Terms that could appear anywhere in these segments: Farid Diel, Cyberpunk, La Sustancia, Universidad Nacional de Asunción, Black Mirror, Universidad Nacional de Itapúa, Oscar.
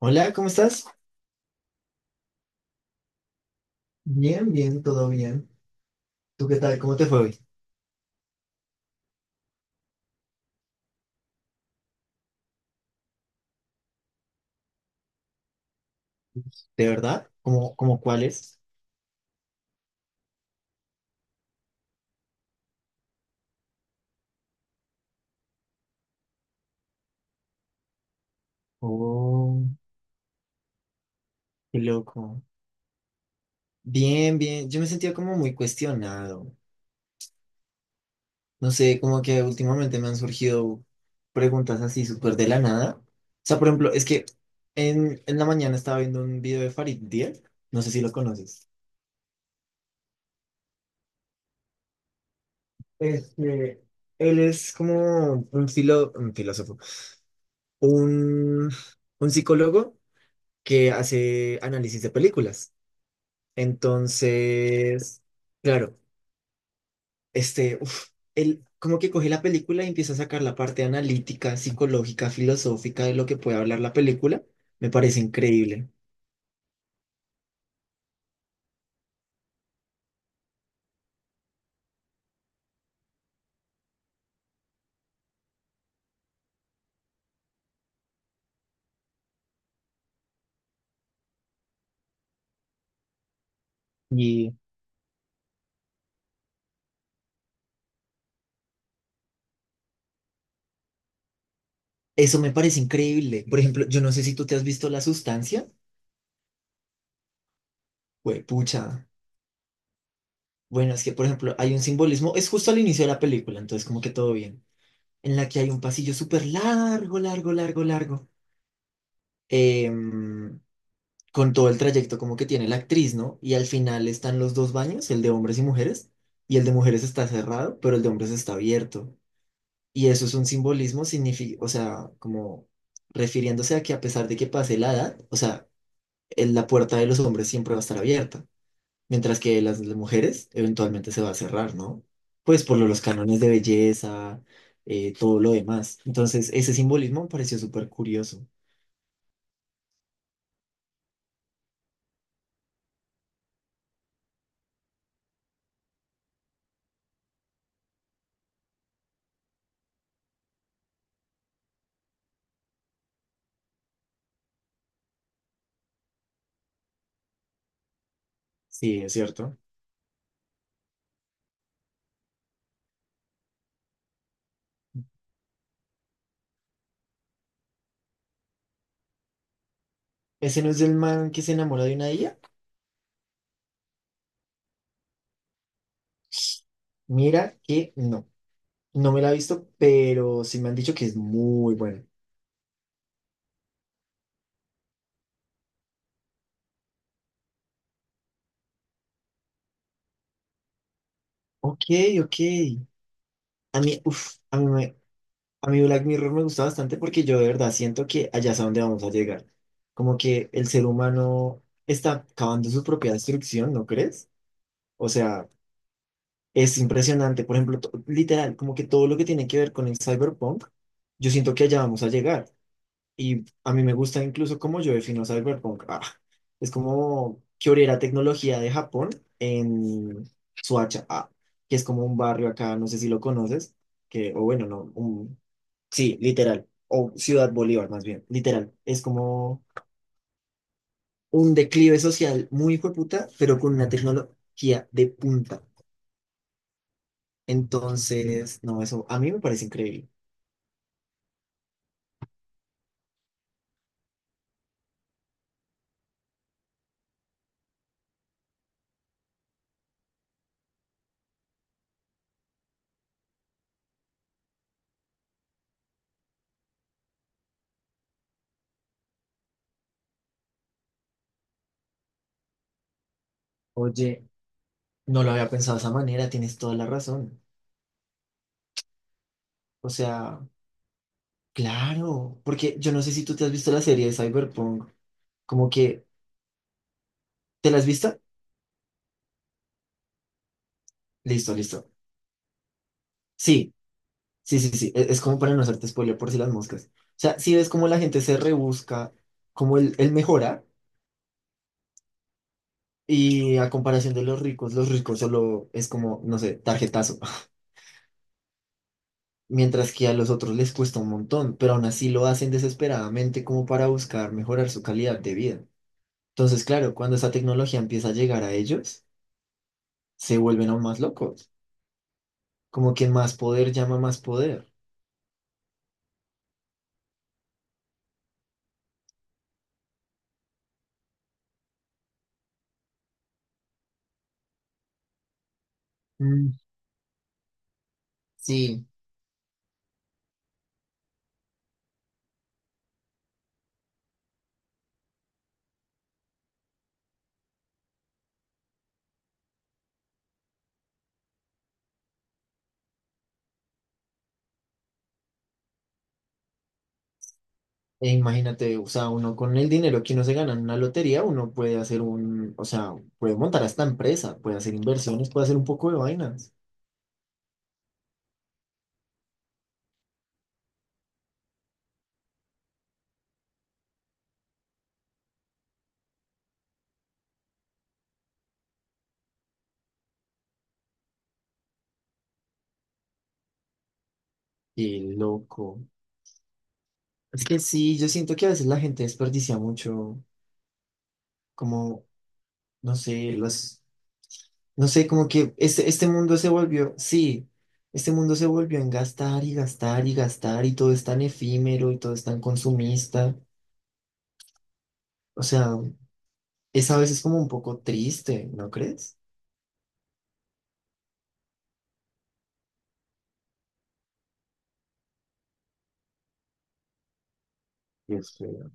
Hola, ¿cómo estás? Bien, bien, todo bien. ¿Tú qué tal? ¿Cómo te fue hoy? ¿De verdad? ¿Cómo, cuáles? Oh, qué loco. Bien, bien. Yo me sentía como muy cuestionado. No sé, como que últimamente me han surgido preguntas así súper de la nada. O sea, por ejemplo, es que en la mañana estaba viendo un video de Farid Diel. No sé si lo conoces. Este, él es como un filósofo, un, un psicólogo que hace análisis de películas. Entonces, claro, este, uf, él como que coge la película y empieza a sacar la parte analítica, psicológica, filosófica de lo que puede hablar la película. Me parece increíble. Y eso me parece increíble. Por ejemplo, yo no sé si tú te has visto La Sustancia. Pues, pucha. Bueno, es que, por ejemplo, hay un simbolismo, es justo al inicio de la película, entonces como que todo bien, en la que hay un pasillo súper largo, largo, largo, largo. Em, con todo el trayecto como que tiene la actriz, ¿no? Y al final están los dos baños, el de hombres y mujeres, y el de mujeres está cerrado, pero el de hombres está abierto. Y eso es un simbolismo, o sea, como refiriéndose a que a pesar de que pase la edad, o sea, la puerta de los hombres siempre va a estar abierta, mientras que las de mujeres eventualmente se va a cerrar, ¿no? Pues por los cánones de belleza, todo lo demás. Entonces, ese simbolismo me pareció súper curioso. Sí, es cierto. ¿Ese no es el man que se enamora de una ella? Mira que no, no me la he visto, pero sí me han dicho que es muy buena. Ok, ok. A mí, uf, a mí Black Mirror me gusta bastante porque yo de verdad siento que allá es a donde vamos a llegar. Como que el ser humano está acabando su propia destrucción, ¿no crees? O sea, es impresionante. Por ejemplo, literal, como que todo lo que tiene que ver con el cyberpunk, yo siento que allá vamos a llegar. Y a mí me gusta incluso cómo yo defino cyberpunk. Ah, es como que hubiera tecnología de Japón en Suacha, ah, que es como un barrio acá, no sé si lo conoces, que, o bueno, no, un- sí, literal, o Ciudad Bolívar más bien, literal. Es como un declive social muy hijueputa, pero con una tecnología de punta. Entonces, no, eso a mí me parece increíble. Oye, no lo había pensado de esa manera, tienes toda la razón. O sea... Claro, porque yo no sé si tú te has visto la serie de Cyberpunk, como que, ¿te la has visto? Listo, listo. Sí, sí, sí, sí, es, como para no hacerte spoiler por si las moscas. O sea, si ves cómo la gente se rebusca, cómo él mejora, y a comparación de los ricos solo es como, no sé, tarjetazo, mientras que a los otros les cuesta un montón, pero aún así lo hacen desesperadamente como para buscar mejorar su calidad de vida. Entonces, claro, cuando esa tecnología empieza a llegar a ellos, se vuelven aún más locos. Como que más poder llama más poder. Mm, sí, e imagínate, o sea, uno con el dinero que uno se gana en una lotería, uno puede hacer o sea, puede montar hasta empresa, puede hacer inversiones, puede hacer un poco de vainas. Qué loco. Es que sí, yo siento que a veces la gente desperdicia mucho, como, no sé, los, no sé, como que este mundo se volvió, sí, este mundo se volvió en gastar y gastar y gastar y todo es tan efímero y todo es tan consumista. O sea, es a veces como un poco triste, ¿no crees? Y es feo.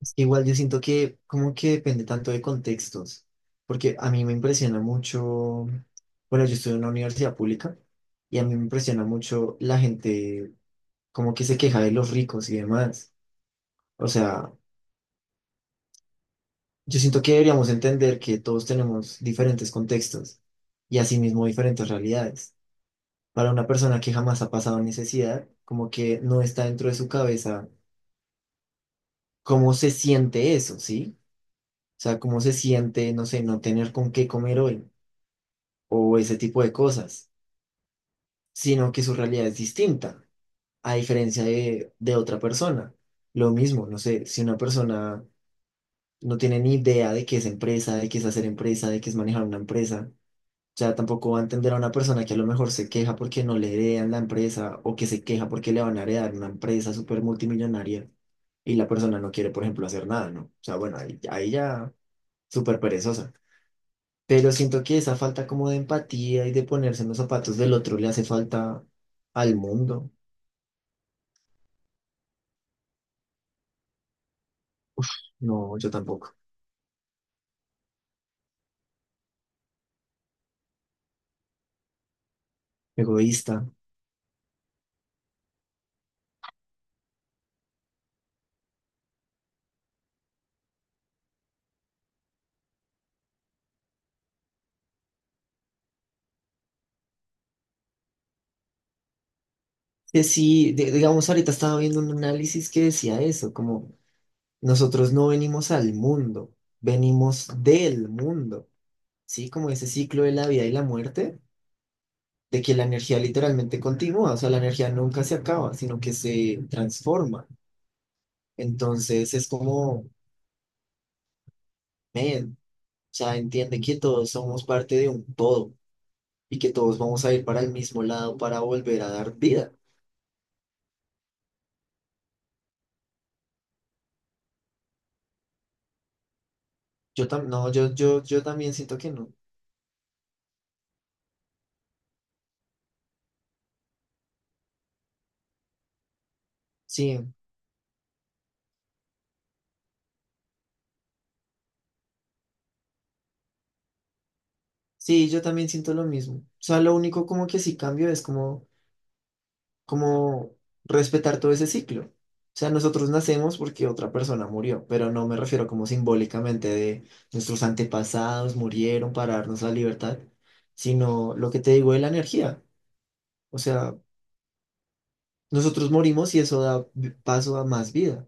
Es que igual yo siento que como que depende tanto de contextos, porque a mí me impresiona mucho, bueno, yo estudio en una universidad pública y a mí me impresiona mucho la gente como que se queja de los ricos y demás. O sea, yo siento que deberíamos entender que todos tenemos diferentes contextos y asimismo diferentes realidades. Para una persona que jamás ha pasado necesidad, como que no está dentro de su cabeza cómo se siente eso, ¿sí? O sea, cómo se siente, no sé, no tener con qué comer hoy o ese tipo de cosas, sino que su realidad es distinta, a diferencia de otra persona. Lo mismo, no sé, si una persona no tiene ni idea de qué es empresa, de qué es hacer empresa, de qué es manejar una empresa, o sea, tampoco va a entender a una persona que a lo mejor se queja porque no le heredan la empresa o que se queja porque le van a heredar una empresa súper multimillonaria y la persona no quiere, por ejemplo, hacer nada, ¿no? O sea, bueno, ahí ya súper perezosa. Pero siento que esa falta como de empatía y de ponerse en los zapatos del otro le hace falta al mundo. No, yo tampoco. Egoísta. Que sí, digamos, ahorita estaba viendo un análisis que decía eso, como nosotros no venimos al mundo, venimos del mundo, ¿sí? Como ese ciclo de la vida y la muerte, de que la energía literalmente continúa, o sea, la energía nunca se acaba, sino que se transforma. Entonces es como, man, o sea, entiende que todos somos parte de un todo y que todos vamos a ir para el mismo lado para volver a dar vida. Yo también, no, yo también siento que no. Sí, sí, yo también siento lo mismo. O sea, lo único como que sí cambio es como, como respetar todo ese ciclo. O sea, nosotros nacemos porque otra persona murió, pero no me refiero como simbólicamente de nuestros antepasados murieron para darnos la libertad, sino lo que te digo de la energía. O sea, nosotros morimos y eso da paso a más vida.